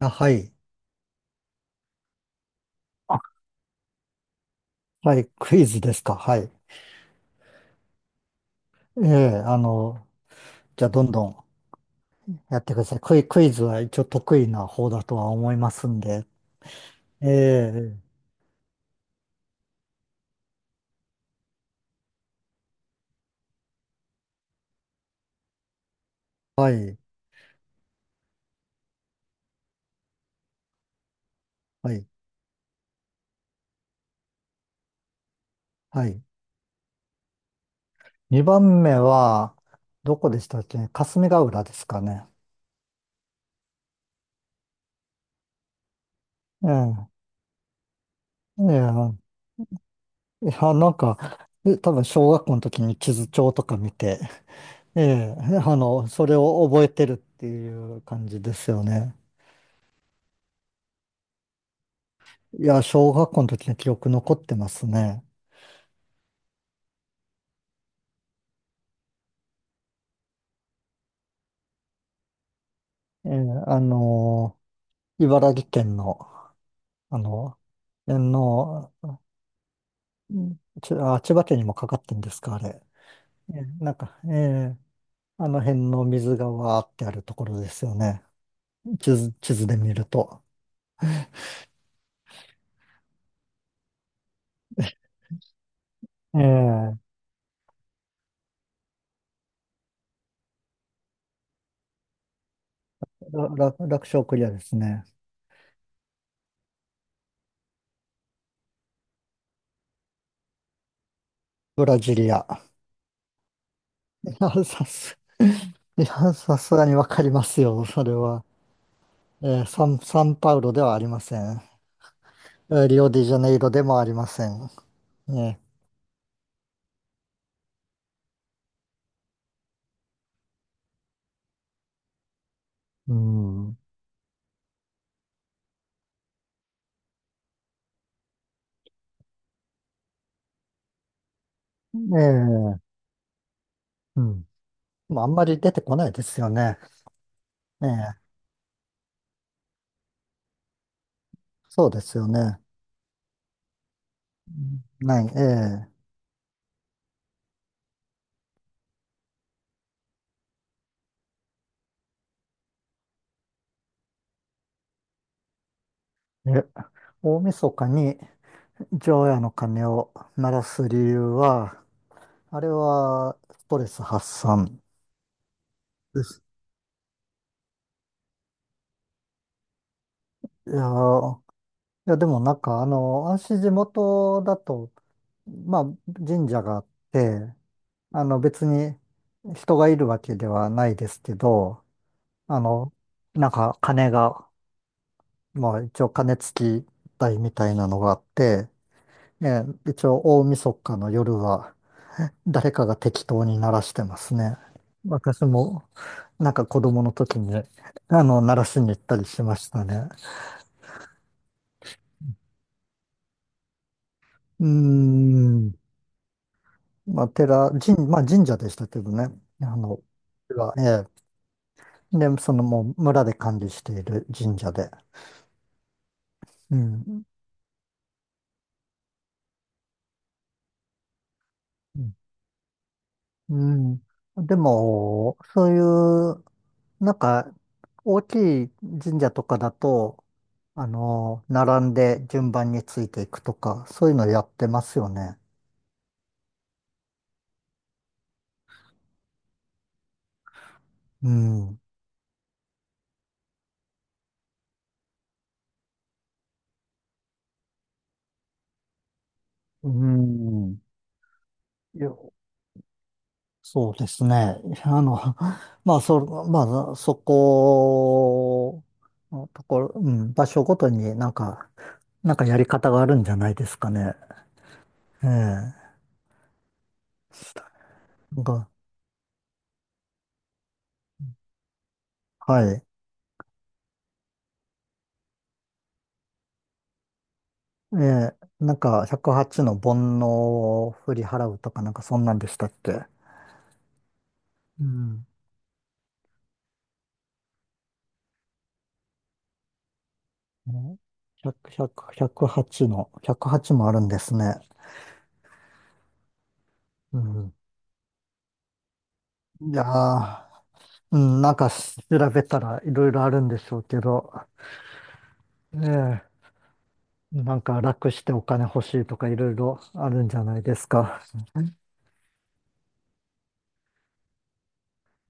あ、はい。あ、はい。クイズですか？はい。ええ、じゃあ、どんどんやってください。クイズは一応得意な方だとは思いますんで。ええ、はい。はい。はい。2番目は、どこでしたっけ、霞ヶ浦ですかね？ええ、ええ、いや、なんか、多分小学校の時に地図帳とか見て、ええ、それを覚えてるっていう感じですよね。いや、小学校の時の記憶残ってますね。えーあのー茨城県の、あの、天皇、うんち、あ、千葉県にもかかってんですか、あれ？なんか、あの辺の水がわーってあるところですよね。地図で見ると。えーらら楽勝クリアですね。ブラジリア。いや、さす、いや、さすがにわかりますよ、それは。サンパウロではありません。リオデジャネイロでもありません。ね。うん。ええ、うん。まあ、あんまり出てこないですよね。ええ、そうですよね。うんない、ええ。大晦日に除夜の鐘を鳴らす理由は、あれはストレス発散です。いやー、いやでもなんか私地元だと、まあ神社があって、別に人がいるわけではないですけど、あの、なんか鐘がまあ一応鐘つき台みたいなのがあって、ええ一応大晦日の夜は誰かが適当に鳴らしてますね。私もなんか子供の時に鳴らしに行ったりしましたね。うーん。まあ寺、神、まあ神社でしたけどね。あの、ええ、で、そのもう村で管理している神社で。うん。うん。うんでも、そういうなんか、大きい神社とかだと、並んで順番についていくとか、そういうのやってますよね。うん。うん。いやそうですね。あの、まあ、そ、まあ、そこのところ、うん、場所ごとになんかやり方があるんじゃないですかね。ええ。なんか、はい。ええ、なんか108の煩悩を振り払うとかなんかそんなんでしたっけ？うん。ね、100、8の、108もあるんですね。うん。いやー、うん、なんか調べたらいろいろあるんでしょうけど、ねえ、なんか楽してお金欲しいとかいろいろあるんじゃないですか？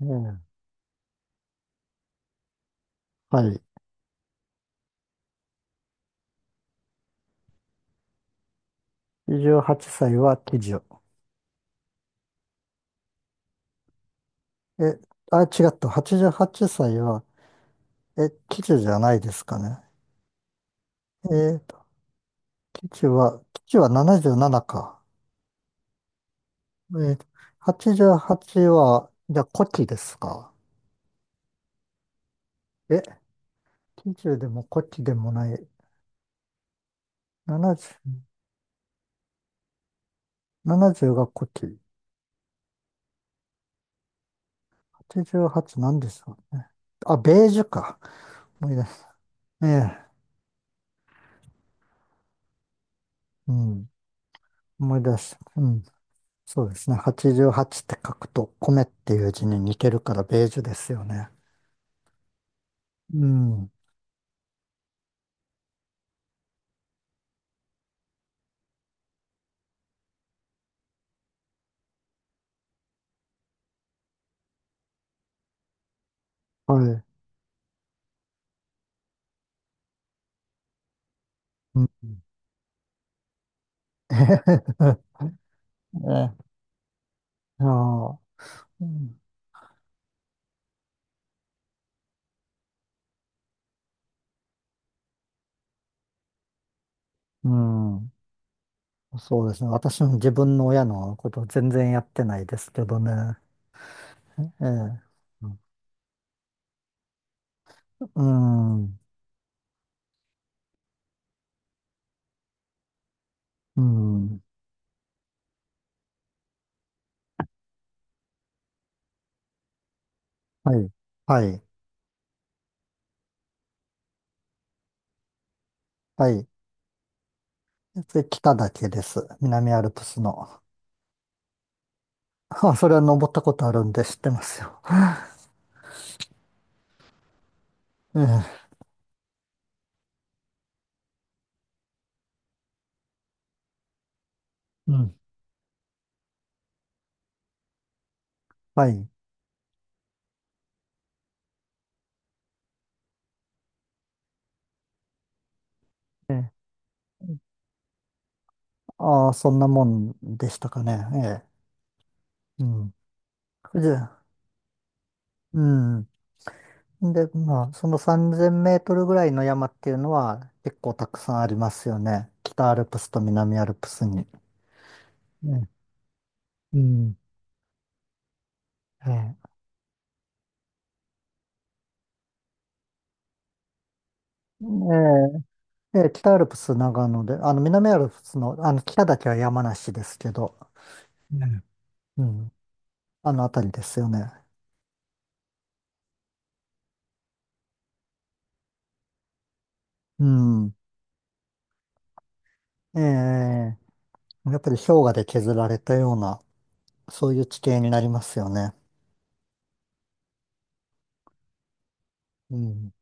うん、ねえ、はい。28歳はっさいは喜寿。え、あ、違った。88歳はっさいは、喜寿じゃないですかね？えー基地は77か。えー、88はちは、じゃあ古希ですか？え、きじゅうでも古希でもない。70、70が古希。88なんでしょうね。あ、ベージュか。思い出す。ええ、うん。思い出した。うん。そうですね。88って書くと、米っていう字に似てるから、ベージュですよね。うん。はい。うん。えへへへえ、ああ。うん。うん、そうですね。私も自分の親のこと全然やってないですけどね。ええ。うん。うん。はい。はい。はい。で、北岳です。南アルプスの。あ、それは登ったことあるんで知ってますよ。ええ。うん。はい。ええ。ああ、そんなもんでしたかね。ええ。うん。じゃ、うん。で、まあ、その3000メートルぐらいの山っていうのは結構たくさんありますよね。北アルプスと南アルプスに。うん。はい。ええ、ええ北アルプス長野で、南アルプスの、北だけは山梨ですけど、ね、うん。あの辺りですよね。うん。ええ、やっぱり氷河で削られたような、そういう地形になりますよね。うん。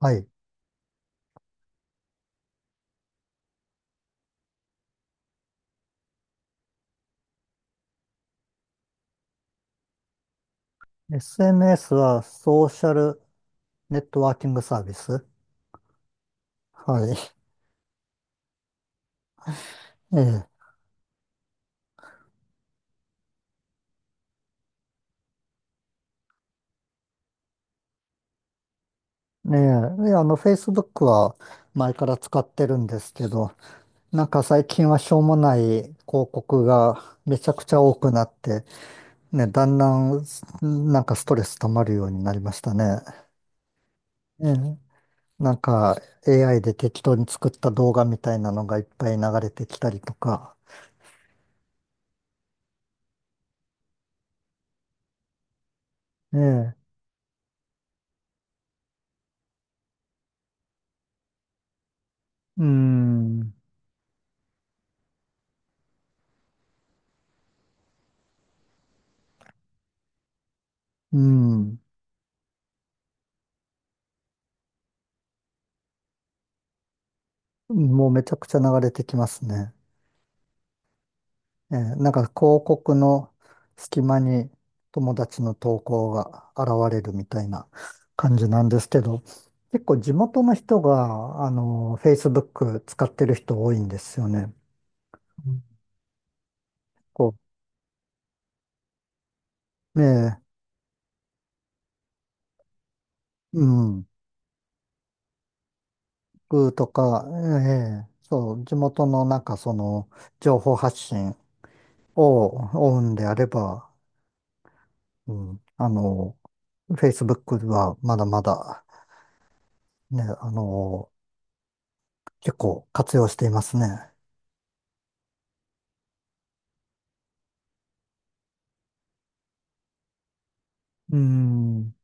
はい。SNS はソーシャルネットワーキングサービス。はい。ええ。ええ。でFacebook は前から使ってるんですけど、なんか最近はしょうもない広告がめちゃくちゃ多くなって、ね、だんだんなんかストレス溜まるようになりましたね。ええ、なんか AI で適当に作った動画みたいなのがいっぱい流れてきたりとか。ええ、うん、うん、もうめちゃくちゃ流れてきますね。なんか広告の隙間に友達の投稿が現れるみたいな感じなんですけど、結構地元の人が、Facebook 使ってる人多いんですよね。うん、こう、ねえ、うん、グーとか、ええ、そう、地元のなんかその、情報発信を追うんであれば、うん、Facebook はまだまだ、ね、結構活用していますね。うん。